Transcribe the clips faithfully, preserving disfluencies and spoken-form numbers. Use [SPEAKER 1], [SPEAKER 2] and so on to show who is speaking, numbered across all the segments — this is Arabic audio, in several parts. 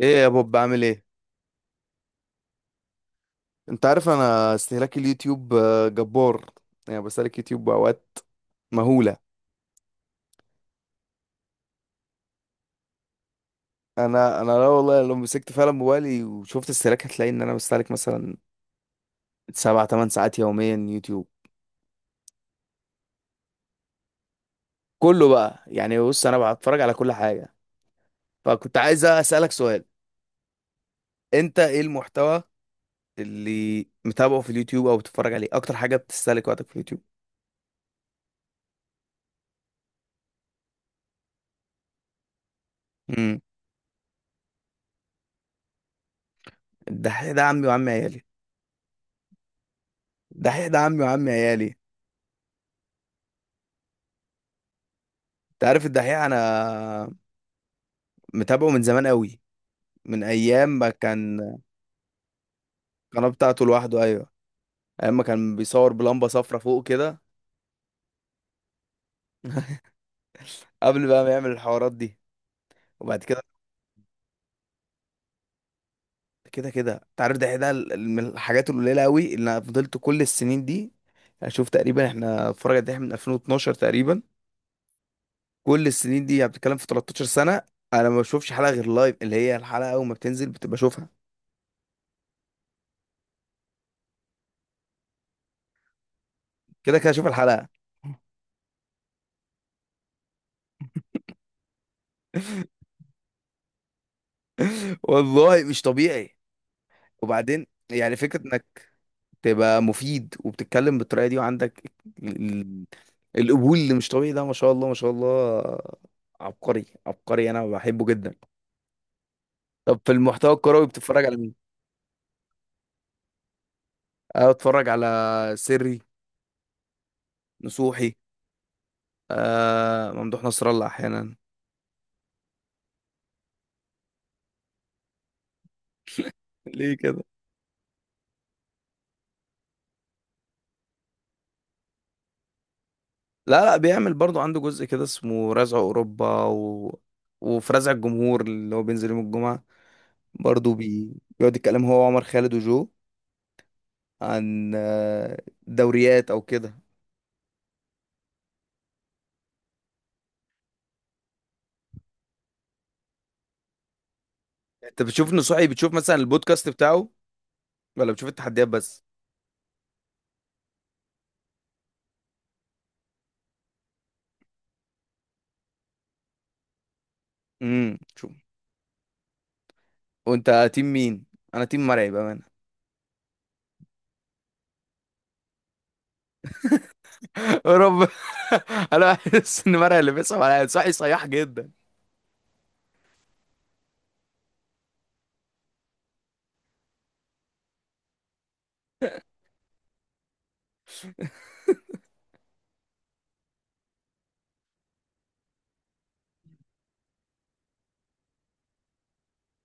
[SPEAKER 1] ايه يا بوب؟ بعمل ايه؟ انت عارف انا استهلاك اليوتيوب آه، جبار. يعني بستهلك يوتيوب باوقات مهوله. انا انا لا والله، لو مسكت فعلا موبايلي وشفت استهلاك هتلاقي ان انا بستهلك مثلا سبع تمن ساعات يوميا يوتيوب. كله بقى، يعني بص، انا بتفرج على كل حاجه. فكنت عايز اسالك سؤال. انت ايه المحتوى اللي متابعه في اليوتيوب او بتتفرج عليه اكتر حاجه بتستهلك وقتك في اليوتيوب؟ امم. الدحيح ده عمي وعمي عيالي. الدحيح ده عمي وعمي عيالي. انت عارف الدحيح انا متابعه من زمان قوي، من ايام ما كان. القناه بتاعته لوحده، ايوه. ايام ما كان بيصور بلمبه صفرة فوق كده، قبل بقى ما يعمل الحوارات دي. وبعد كده، كده كده انت عارف ده ده ال- من الحاجات القليله قوي اللي انا فضلت كل السنين دي اشوف. تقريبا احنا اتفرج على من ألفين واثنا عشر تقريبا. كل السنين دي، يعني بتتكلم في ثلاثة عشر سنه. انا ما بشوفش حلقه غير لايف، اللي هي الحلقه اول ما بتنزل بتبقى اشوفها. كده كده اشوف الحلقه. والله مش طبيعي. وبعدين يعني فكرة انك تبقى مفيد وبتتكلم بالطريقه دي وعندك ال- القبول اللي مش طبيعي ده، ما شاء الله ما شاء الله. عبقري عبقري، انا بحبه جدا. طب في المحتوى الكروي بتتفرج على مين؟ أنا بتفرج على سري نصوحي. آه، ممدوح نصر الله احيانا. ليه كده؟ لا لا، بيعمل برضو عنده جزء كده اسمه رزع اوروبا و... وفي رزع الجمهور اللي هو بينزل يوم الجمعة، برضو بي... بيقعد يتكلم هو وعمر خالد وجو عن آه، دوريات او كده. انت بتشوف نصوحي، بتشوف مثلا البودكاست بتاعه ولا بتشوف التحديات بس؟ امم شوف. وانت تيم مين؟ انا تيم مرعي بامانه. يا رب. انا بحس ان مرعي اللي بيصعب عليا، نصوحي صياح جدا.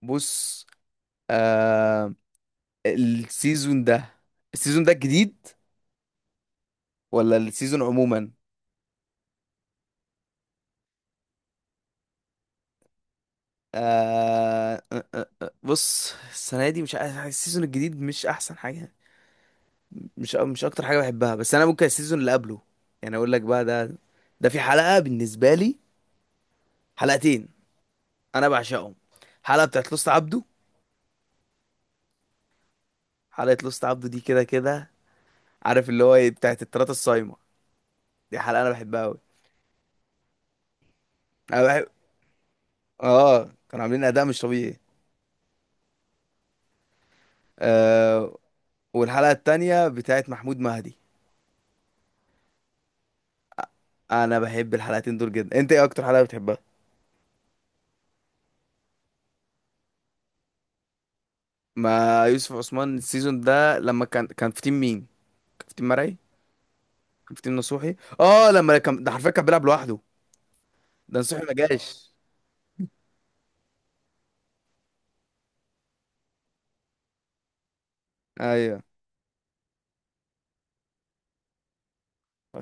[SPEAKER 1] بص آه. السيزون ده، السيزون ده الجديد ولا السيزون عموما؟ آه آه، آه، آه، بص السنه دي مش عارف، السيزون الجديد مش احسن حاجه. مش مش اكتر حاجه بحبها، بس انا ممكن السيزون اللي قبله. يعني اقول لك بقى، ده ده في حلقه بالنسبه لي، حلقتين انا بعشقهم. حلقه بتاعت لوست عبده. حلقه لوست عبده دي كده كده، عارف اللي هو ايه؟ بتاعت التلاته الصايمه. دي حلقه انا بحبها قوي. انا بحب، اه كانوا عاملين اداء مش طبيعي. آه، والحلقه التانية بتاعت محمود مهدي. انا بحب الحلقتين دول جدا. انت ايه اكتر حلقه بتحبها؟ ما يوسف عثمان السيزون ده لما كان كان في تيم مين؟ كان في تيم مرعي. كان في تيم نصوحي، اه. لما كان ده حرفيا كان بيلعب لوحده، ده نصوحي ما جاش. ايوه،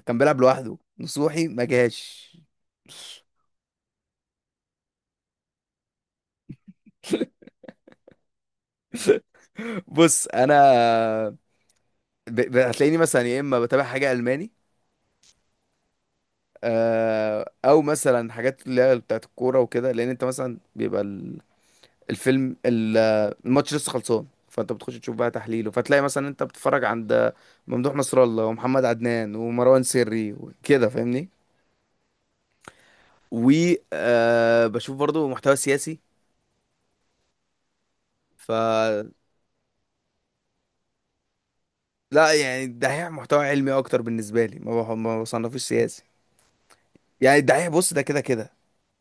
[SPEAKER 1] كان بيلعب لوحده، نصوحي ما جاش. بص انا ب- ب- هتلاقيني مثلا يا اما بتابع حاجه الماني، آه، او مثلا حاجات اللي هي بتاعت الكوره وكده، لان انت مثلا بيبقى ال- الفيلم ال- الماتش لسه خلصان، فانت بتخش تشوف بقى تحليله، فتلاقي مثلا انت بتتفرج عند ممدوح نصر الله ومحمد عدنان ومروان سري وكده فاهمني. و آه، بشوف برضو محتوى سياسي. ف، لا يعني الدحيح محتوى علمي اكتر بالنسبه لي، ما بح- ما بصنفوش سياسي. يعني الدحيح بص ده كده كده،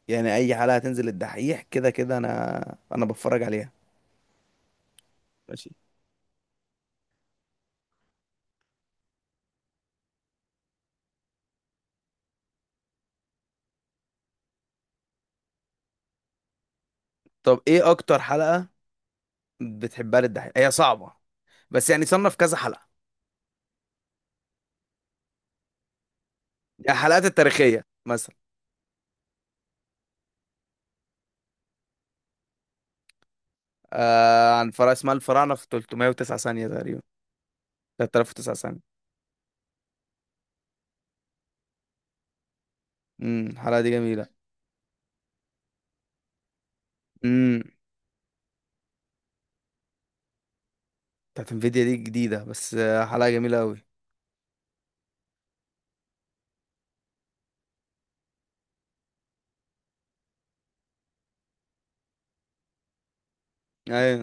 [SPEAKER 1] يعني اي حلقة تنزل الدحيح كده كده انا انا بتفرج عليها. ماشي. طب ايه اكتر حلقة بتحبها للدحيح؟ هي صعبة، بس يعني صنف كذا حلقة. يعني الحلقات التاريخية مثلا، آه عن فرع اسمها الفراعنة في ثلاثمائة وتسعة ثانية تقريبا، تلت الاف وتسعه ثانية. امم الحلقة دي جميلة. امم بتاعت انفيديا دي جديدة، بس آه، حلقة جميلة قوي، ايوه.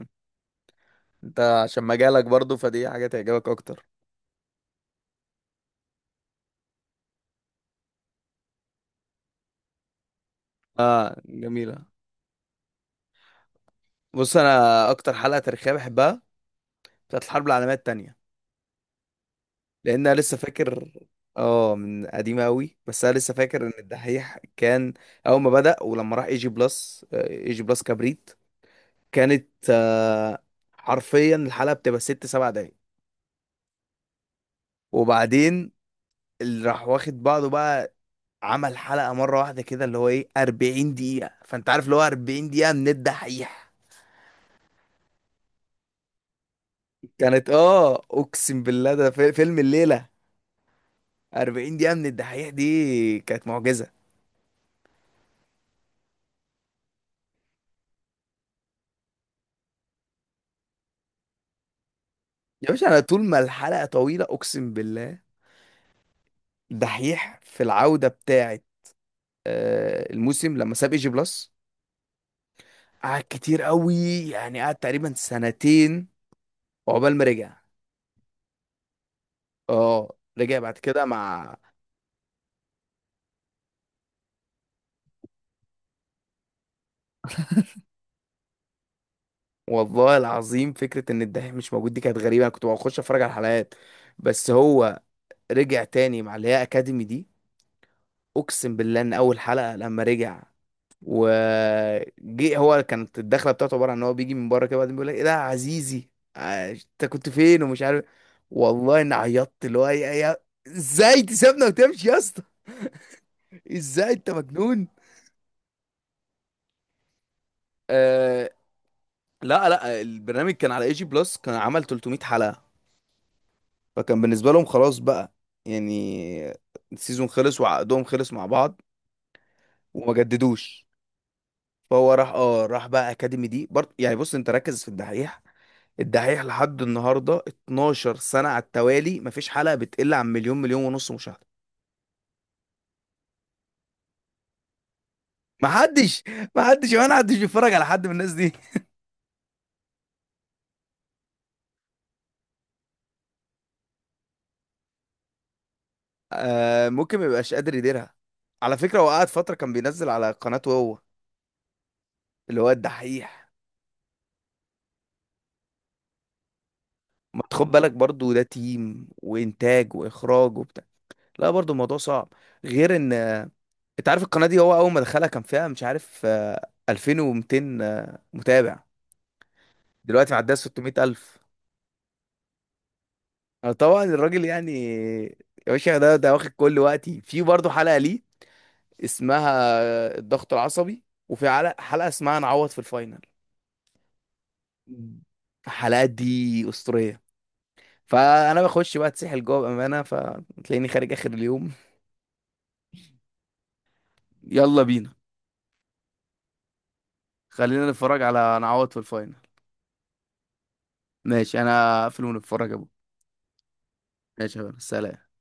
[SPEAKER 1] انت عشان مجالك برضو، فدي حاجة تعجبك اكتر. اه جميلة. بص انا اكتر حلقة تاريخية بحبها بتاعت الحرب العالمية التانية، لان انا لسه فاكر. اه، من قديمه قوي، بس انا لسه فاكر ان الدحيح كان اول ما بدأ ولما راح اي جي بلس، آه، اي جي بلس كبريت. كانت آه، حرفيا الحلقه بتبقى ست سبع دقايق. وبعدين اللي راح واخد بعضه بقى، عمل حلقه مره واحده كده اللي هو ايه، اربعين دقيقه. فانت عارف اللي هو اربعين دقيقه من الدحيح؟ كانت اه اقسم بالله ده في- فيلم الليله. اربعين دقيقه من الدحيح دي كانت معجزه. يا باشا انا طول ما الحلقه طويله، اقسم بالله. دحيح في العودة بتاعة آه، الموسم، لما ساب ايجي بلس قعد كتير قوي، يعني قعد تقريبا سنتين عقبال ما رجع. اه رجع بعد كده مع. والله العظيم فكرة ان الدحيح مش موجود دي كانت غريبة، انا كنت بخش اتفرج على الحلقات بس. هو رجع تاني مع اللي هي اكاديمي دي. اقسم بالله ان اول حلقة لما رجع وجي، هو كانت الدخله بتاعته عباره عن ان هو بيجي من بره كده، وبعدين بيقول لك ايه ده يا عزيزي، آه، انت كنت فين ومش عارف. والله اني عيطت، اللي هو يا يا ازاي تسيبنا وتمشي يا اسطى، ازاي انت مجنون؟ آه. لا لا، البرنامج كان على اي جي بلس، كان عمل تلتميه حلقه، فكان بالنسبه لهم خلاص بقى، يعني السيزون خلص وعقدهم خلص مع بعض وما جددوش. فهو راح، اه راح بقى اكاديمي دي برضه. يعني بص انت ركز في الدحيح، الدحيح لحد النهارده اتناشر سنه على التوالي، مفيش حلقه بتقل عن مليون مليون ونص مشاهده. محدش، محدش، وانا محدش بيتفرج على حد من الناس دي. آه ممكن ما يبقاش قادر يديرها. على فكره هو قعد فتره كان بينزل على قناته هو، اللي هو الدحيح. ما تاخد بالك برضو ده تيم وانتاج واخراج وبتاع، لا برضو الموضوع صعب. غير ان انت عارف القناه دي هو اول ما دخلها كان فيها مش عارف آه، ألفين ومتين آه، متابع. دلوقتي معديه ستمائة ألف. أنا طبعا الراجل يعني، يا باشا ده ده واخد كل وقتي. في برضه حلقة ليه اسمها الضغط العصبي، وفي على- حلقة اسمها نعوض في الفاينل. الحلقات دي أسطورية، فأنا بخش بقى اتسحل جوه بأمانة، فتلاقيني خارج آخر اليوم. يلا بينا. خلينا نتفرج على نعوض في الفاينل. ماشي. أنا هقفل ونتفرج يا أبو. ماشي يا بابا. سلام.